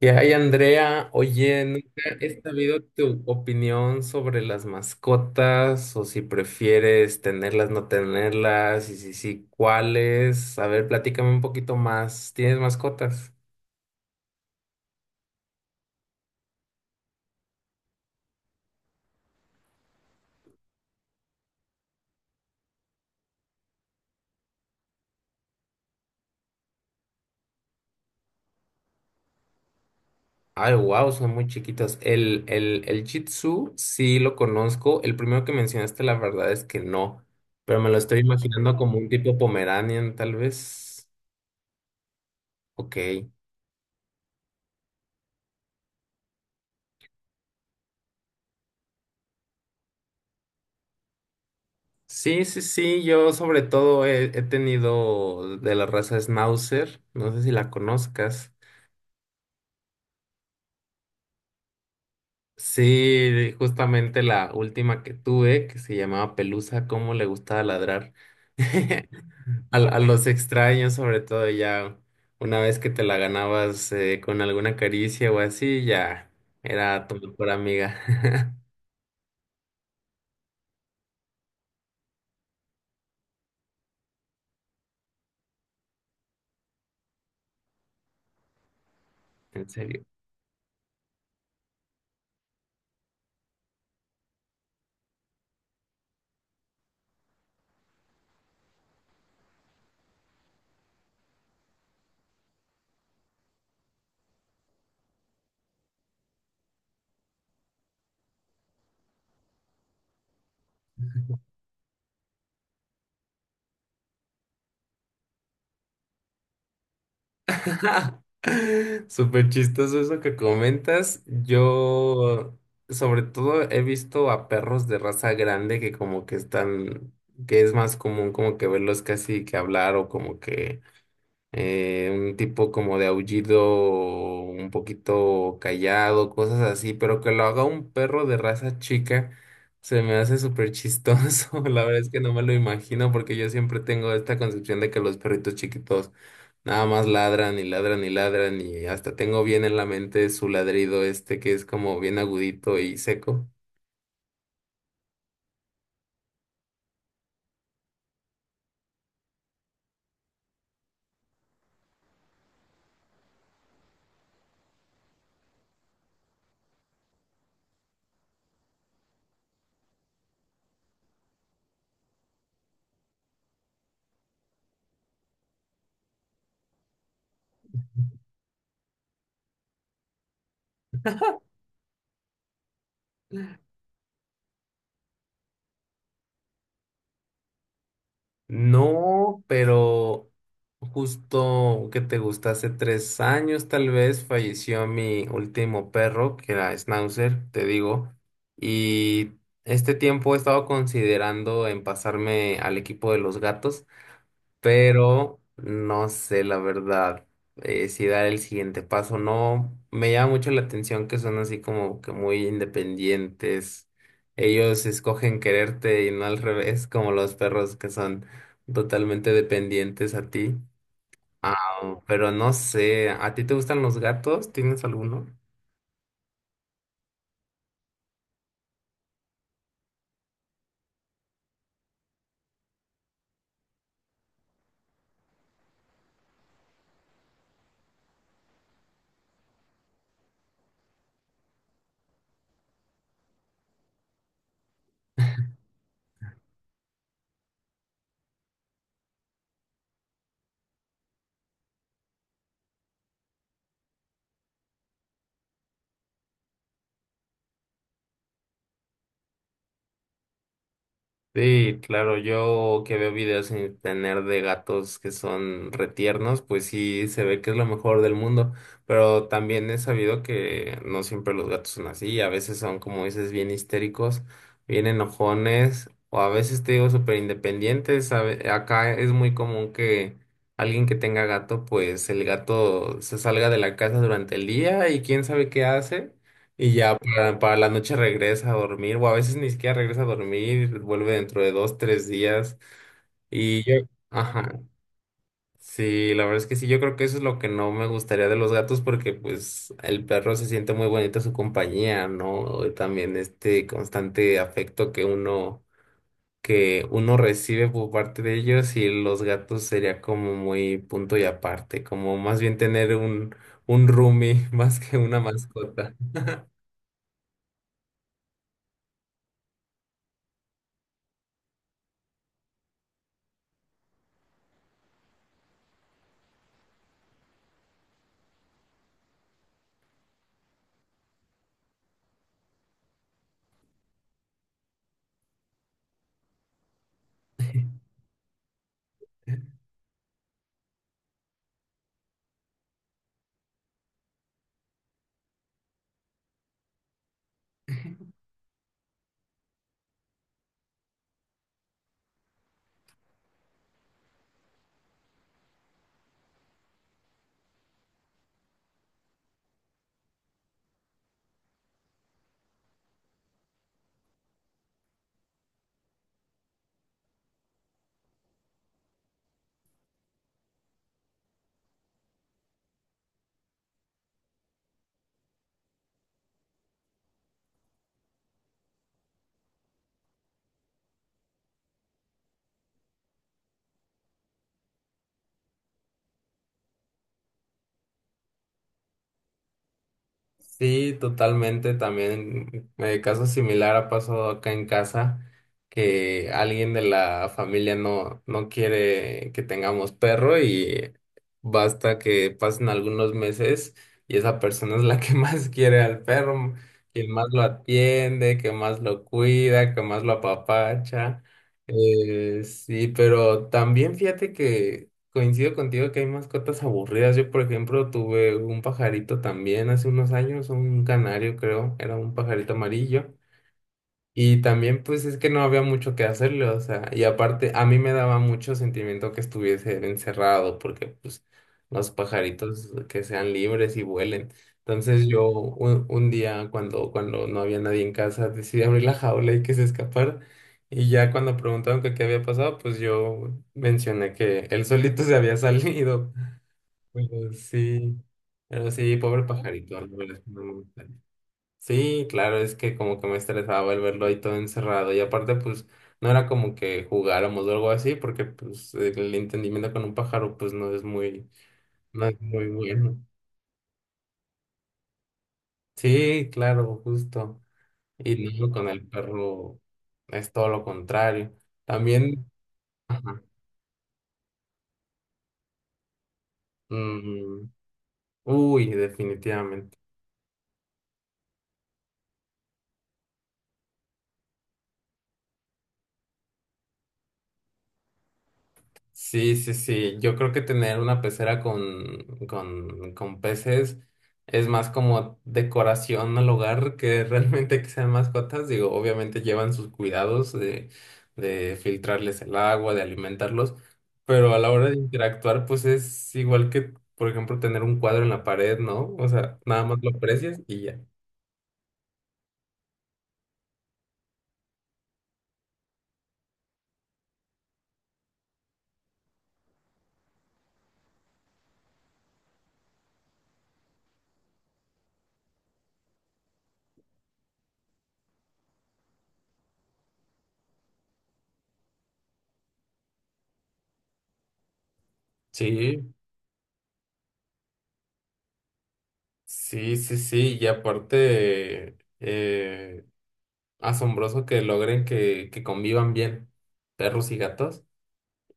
Y ahí, Andrea, oye, nunca he sabido tu opinión sobre las mascotas o si prefieres tenerlas, no tenerlas, y si sí, cuáles. A ver, platícame un poquito más. ¿Tienes mascotas? Ay, wow, son muy chiquitas. El Shih Tzu sí lo conozco. El primero que mencionaste, la verdad es que no, pero me lo estoy imaginando como un tipo Pomeranian, tal vez. Ok. Sí, sí, sí, yo sobre todo he tenido de la raza Schnauzer, no sé si la conozcas. Sí, justamente la última que tuve, que se llamaba Pelusa, cómo le gustaba ladrar. A los extraños, sobre todo ya una vez que te la ganabas con alguna caricia o así, ya era tu mejor amiga. ¿En serio? Súper chistoso eso que comentas. Yo, sobre todo, he visto a perros de raza grande que como que están, que es más común como que verlos casi que hablar o como que un tipo como de aullido un poquito callado, cosas así, pero que lo haga un perro de raza chica, se me hace súper chistoso. La verdad es que no me lo imagino porque yo siempre tengo esta concepción de que los perritos chiquitos nada más ladran y ladran y ladran, y hasta tengo bien en la mente su ladrido este que es como bien agudito y seco. No, pero justo que te gusta, hace 3 años tal vez falleció mi último perro, que era Schnauzer, te digo, y este tiempo he estado considerando en pasarme al equipo de los gatos, pero no sé la verdad si dar el siguiente paso. O No, me llama mucho la atención que son así como que muy independientes. Ellos escogen quererte y no al revés, como los perros que son totalmente dependientes a ti. Ah, pero no sé, ¿a ti te gustan los gatos? ¿Tienes alguno? Sí, claro, yo que veo videos en internet de gatos que son retiernos, pues sí se ve que es lo mejor del mundo, pero también he sabido que no siempre los gatos son así, a veces son, como dices, bien histéricos, bien enojones, o a veces te digo súper independientes, acá es muy común que alguien que tenga gato, pues el gato se salga de la casa durante el día y quién sabe qué hace. Y ya para la noche regresa a dormir, o a veces ni siquiera regresa a dormir, vuelve dentro de 2, 3 días. Y yo, ajá, sí, la verdad es que sí, yo creo que eso es lo que no me gustaría de los gatos, porque pues el perro se siente muy bonito su compañía, ¿no? También este constante afecto que que uno recibe por parte de ellos, y los gatos sería como muy punto y aparte, como más bien tener un roomie más que una mascota. Sí, totalmente. También caso similar ha pasado acá en casa, que alguien de la familia no quiere que tengamos perro, y basta que pasen algunos meses y esa persona es la que más quiere al perro, quien más lo atiende, que más lo cuida, que más lo apapacha. Sí, pero también fíjate que coincido contigo que hay mascotas aburridas. Yo, por ejemplo, tuve un pajarito también hace unos años, un canario creo, era un pajarito amarillo. Y también pues es que no había mucho que hacerle, o sea, y aparte a mí me daba mucho sentimiento que estuviese él encerrado, porque pues los pajaritos que sean libres y vuelen. Entonces yo un día cuando, cuando no había nadie en casa decidí abrir la jaula y que se escapara. Y ya cuando preguntaron que qué había pasado, pues yo mencioné que él solito se había salido. Pero sí, pero sí, pobre pajarito, la verdad es que no me gustaría. Sí, claro, es que como que me estresaba el verlo ahí todo encerrado, y aparte pues no era como que jugáramos o algo así, porque pues el entendimiento con un pájaro pues no es muy bueno. Sí, claro, justo. Y luego con el perro es todo lo contrario. También, ajá, mm, uy, definitivamente. Sí, sí, sí. Yo creo que tener una pecera con peces es más como decoración al hogar que realmente que sean mascotas. Digo, obviamente llevan sus cuidados de filtrarles el agua, de alimentarlos, pero a la hora de interactuar, pues es igual que, por ejemplo, tener un cuadro en la pared, ¿no? O sea, nada más lo aprecias y ya. Sí, sí, sí, sí. Y aparte, asombroso que logren que convivan bien perros y gatos.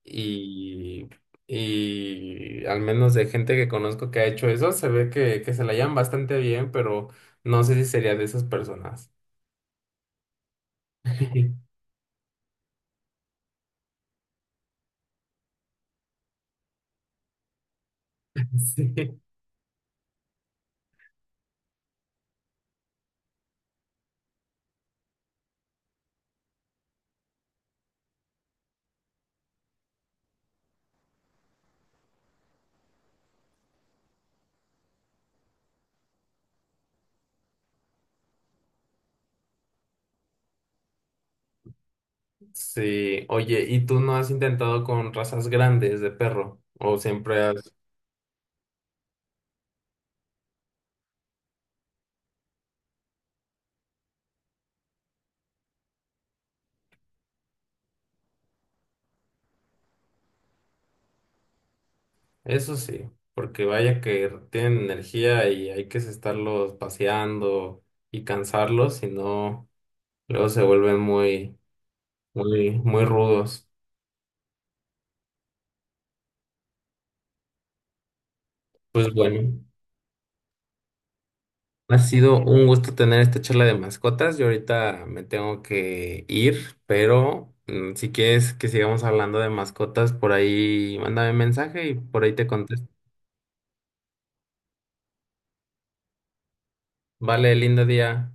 Y, y al menos de gente que conozco que ha hecho eso, se ve que se la llevan bastante bien, pero no sé si sería de esas personas. Sí. Sí, oye, ¿y tú no has intentado con razas grandes de perro? ¿O siempre has...? Eso sí, porque vaya que tienen energía y hay que estarlos paseando y cansarlos, si no, luego se vuelven muy... Muy, muy rudos. Pues bueno, ha sido un gusto tener esta charla de mascotas. Yo ahorita me tengo que ir, pero mm, si quieres que sigamos hablando de mascotas, por ahí mándame mensaje y por ahí te contesto. Vale, lindo día.